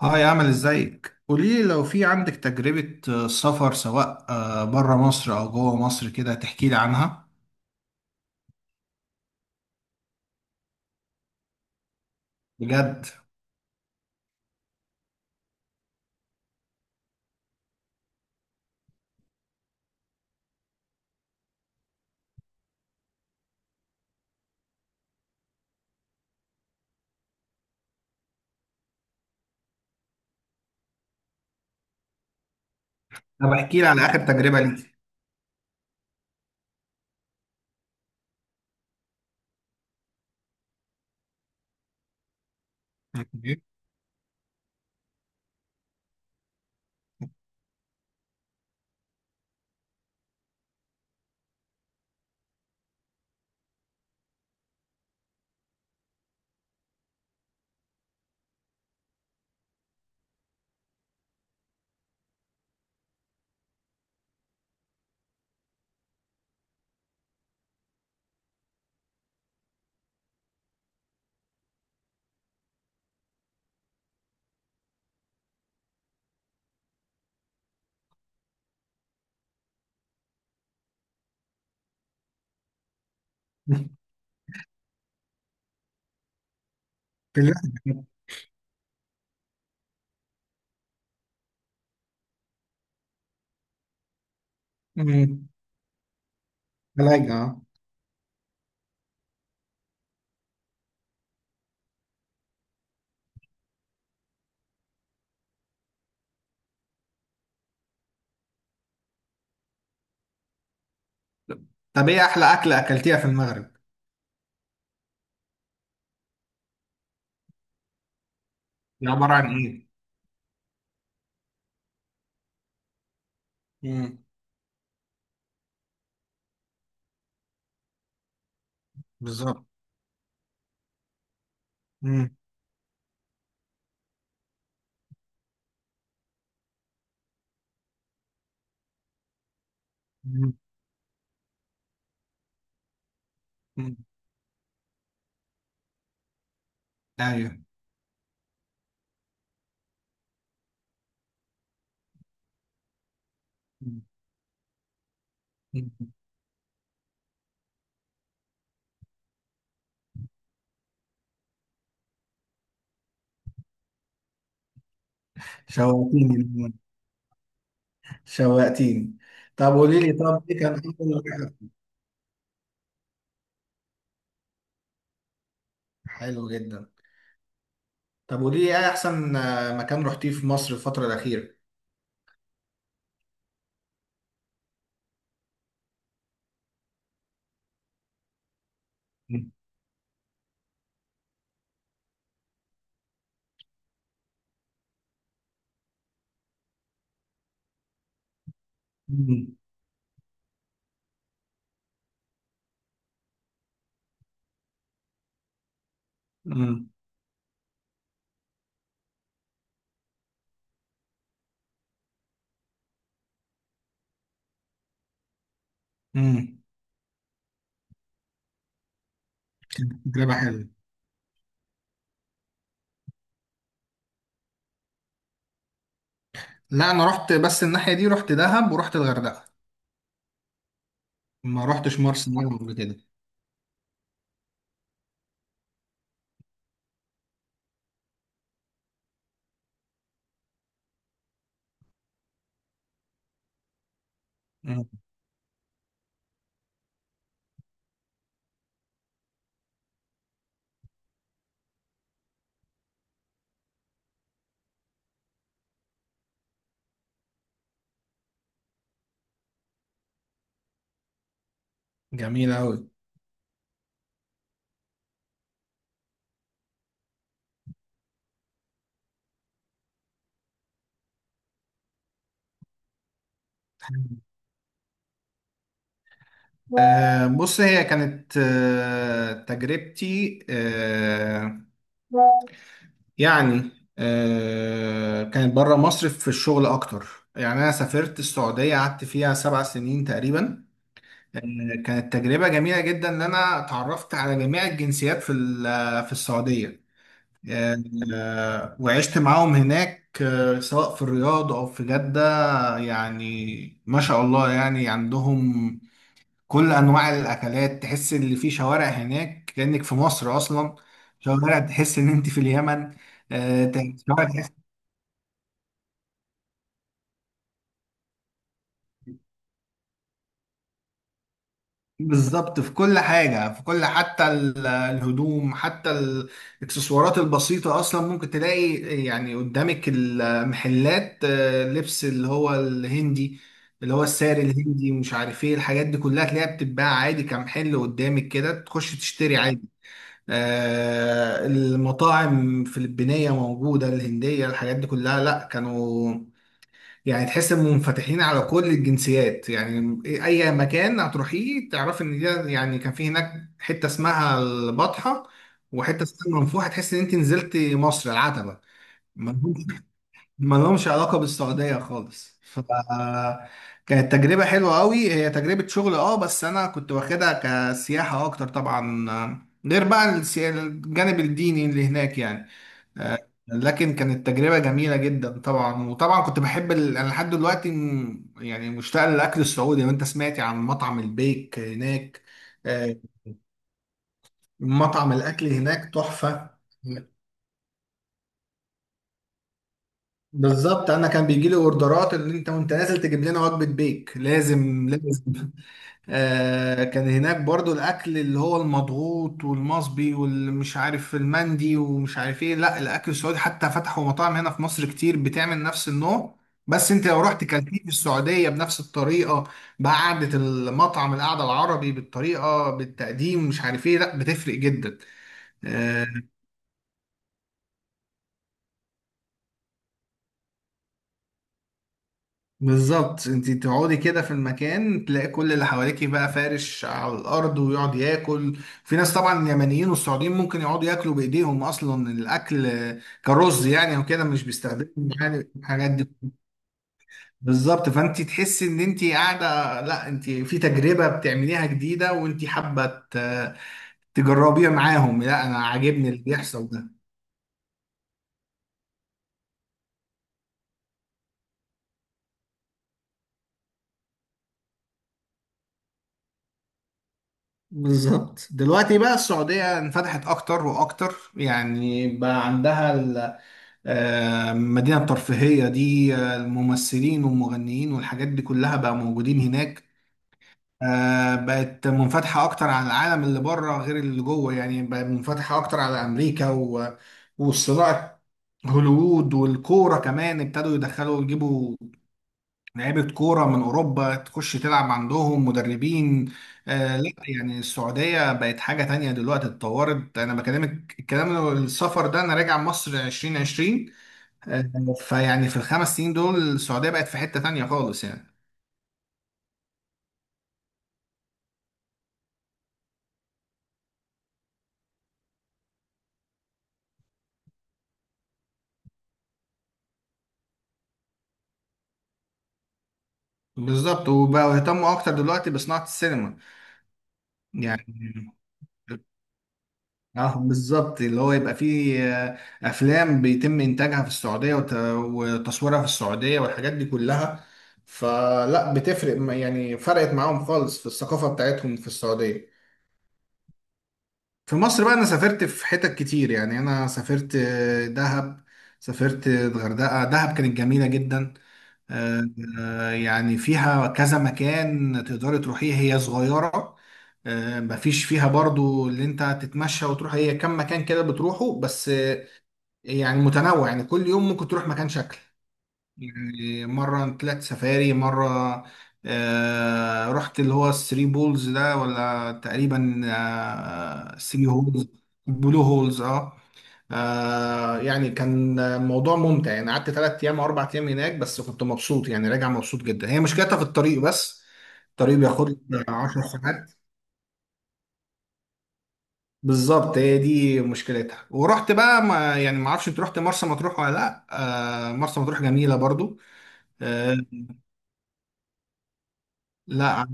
هاي، عامل ازيك؟ قوليلي لو في عندك تجربة سفر سواء بره مصر او جوه مصر كده، تحكيلي عنها. بجد؟ طب احكيلي على اخر تجربة ليك. أوكي. في الرحلة. أمم، ثلاجة طب ايه احلى اكلة اكلتيها في المغرب؟ دي عبارة عن ايه؟ أمم، بالظبط. أمم، أمم، أمم. ايوه. أمم، أمم. شوقتيني، شوقتيني. طب قوليلي، طب ايه كان اول... حلو جدا. طب ودي ايه احسن مكان رحتيه في مصر الفترة الأخيرة؟ امم امم امم تجربة حلوة. لا انا رحت، بس الناحية دي رحت دهب ورحت الغردقة، ما رحتش مرسى مطروح قبل كده. مم. جميلة أوي. بص، هي كانت تجربتي، يعني كانت بره مصر في الشغل اكتر، يعني انا سافرت السعودية، قعدت فيها 7 سنين تقريبا. كانت تجربة جميلة جدا إن أنا اتعرفت على جميع الجنسيات في في السعودية. آه، وعشت معاهم هناك، سواء في الرياض أو في جدة. يعني ما شاء الله يعني عندهم كل أنواع الأكلات، تحس إن في شوارع هناك كأنك في مصر أصلا. شوارع تحس إن أنت في اليمن. آه، شوارع بالظبط، في كل حاجة، في كل... حتى الهدوم، حتى الاكسسوارات البسيطة أصلا ممكن تلاقي. يعني قدامك المحلات، لبس اللي هو الهندي، اللي هو الساري الهندي ومش عارف ايه، الحاجات دي كلها تلاقيها بتتباع عادي، كمحل قدامك كده تخش تشتري عادي. المطاعم الفلبينية موجودة، الهندية، الحاجات دي كلها، لا كانوا... يعني تحس انهم منفتحين على كل الجنسيات. يعني اي مكان هتروحيه تعرفي ان ده، يعني كان في هناك حته اسمها البطحه وحته اسمها المنفوحه، تحس ان انت نزلت مصر العتبه. ما لهمش ما لهمش علاقه بالسعوديه خالص. ف... كانت تجربه حلوه قوي. هي تجربه شغل، اه، بس انا كنت واخدها كسياحه اكتر طبعا. غير بقى الجانب الديني اللي هناك يعني. آه، لكن كانت تجربة جميلة جدا طبعا. وطبعا كنت بحب انا لحد دلوقتي يعني مشتاق للاكل السعودي. وانت سمعتي عن مطعم البيك هناك؟ آه، مطعم الاكل هناك تحفة. بالظبط، انا كان بيجي لي اوردرات ان انت وانت نازل تجيب لنا وجبة بيك، لازم لازم. كان هناك برضو الاكل اللي هو المضغوط والمصبي والمش عارف المندي ومش عارف ايه، لا الاكل السعودي حتى فتحوا مطاعم هنا في مصر كتير بتعمل نفس النوع، بس انت لو رحت كلتيه في السعودية بنفس الطريقة، بقعدة المطعم، القعدة العربي، بالطريقة، بالتقديم، مش عارف ايه، لا بتفرق جدا. آه، بالظبط، انت تقعدي كده في المكان تلاقي كل اللي حواليكي بقى فارش على الارض ويقعد ياكل. في ناس طبعا، اليمنيين والسعوديين، ممكن يقعدوا ياكلوا بايديهم اصلا الاكل، كرز يعني وكده، مش بيستخدموا يعني الحاجات دي. بالظبط، فانت تحسي ان انت قاعده، لا انت في تجربه بتعمليها جديده وانت حابه ت- تجربيها معاهم. لا انا عاجبني اللي بيحصل ده. بالظبط، دلوقتي بقى السعودية انفتحت أكتر وأكتر، يعني بقى عندها المدينة الترفيهية دي، الممثلين والمغنيين والحاجات دي كلها بقى موجودين هناك. بقت منفتحة أكتر على العالم اللي بره غير اللي جوه، يعني بقت منفتحة أكتر على أمريكا والصناعة، هوليوود، والكورة كمان ابتدوا يدخلوا يجيبوا لعيبة كورة من أوروبا تخش تلعب عندهم، مدربين. لا يعني السعودية بقت حاجة تانية دلوقتي، اتطورت. أنا بكلمك الكلام، السفر ده أنا راجع مصر 2020، فيعني في ال5 سنين دول السعودية بقت في حتة تانية خالص يعني. بالظبط، وبقوا يهتموا أكتر دلوقتي بصناعة السينما يعني. اه بالظبط، اللي هو يبقى فيه أفلام بيتم إنتاجها في السعودية وتصويرها في السعودية والحاجات دي كلها. فلا بتفرق يعني فرقت معاهم خالص في الثقافة بتاعتهم في السعودية. في مصر بقى، أنا سافرت في حتت كتير يعني. أنا سافرت دهب، سافرت الغردقة. دهب كانت جميلة جدا. آه، يعني فيها كذا مكان تقدري تروحيه، هي صغيرة، مفيش فيها برضو اللي انت تتمشى وتروح، هي كم مكان كده بتروحه بس. يعني متنوع، يعني كل يوم ممكن تروح مكان شكل. يعني مرة طلعت سفاري، مرة رحت اللي هو الثري بولز ده ولا تقريبا ثري هولز. بلو هولز، اه. يعني كان موضوع ممتع، يعني قعدت 3 ايام او 4 ايام هناك بس كنت مبسوط، يعني راجع مبسوط جدا. هي مشكلتها في الطريق بس، الطريق بياخد لي 10 ساعات. بالظبط هي دي مشكلتها. ورحت بقى، ما يعني ما اعرفش انت رحت مرسى مطروح ولا لا. مرسى مطروح جميله برضو. آه لا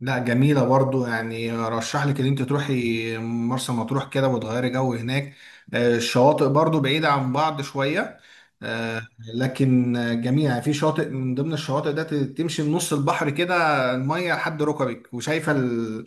لا جميلة برضو. يعني رشح لك ان انت تروحي مرسى مطروح كده وتغيري جو هناك. الشواطئ برضو بعيدة عن بعض شوية. آه، لكن جميلة، يعني في شاطئ من ضمن الشواطئ ده تمشي من نص البحر كده، المية لحد ركبك وشايفة ال-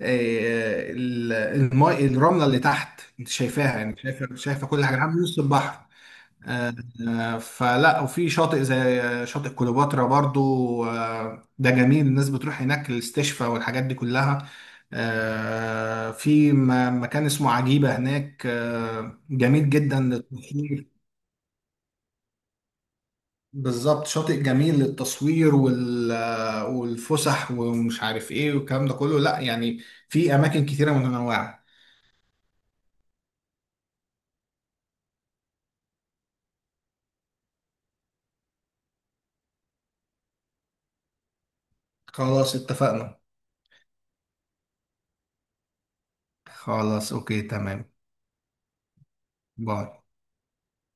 آه، ال- المي، الرملة اللي تحت انت شايفاها، يعني شايفة، شايفة كل حاجة لحد نص البحر. آه، فلا، وفي شاطئ زي شاطئ كليوباترا برضو. ده جميل، الناس بتروح هناك للاستشفاء والحاجات دي كلها. في مكان اسمه عجيبة هناك، جميل جدا للتصوير. بالظبط، شاطئ جميل للتصوير والفسح ومش عارف ايه والكلام ده كله، لا يعني في اماكن كتيرة متنوعة. خلاص اتفقنا. خلاص، اوكي، تمام. باي.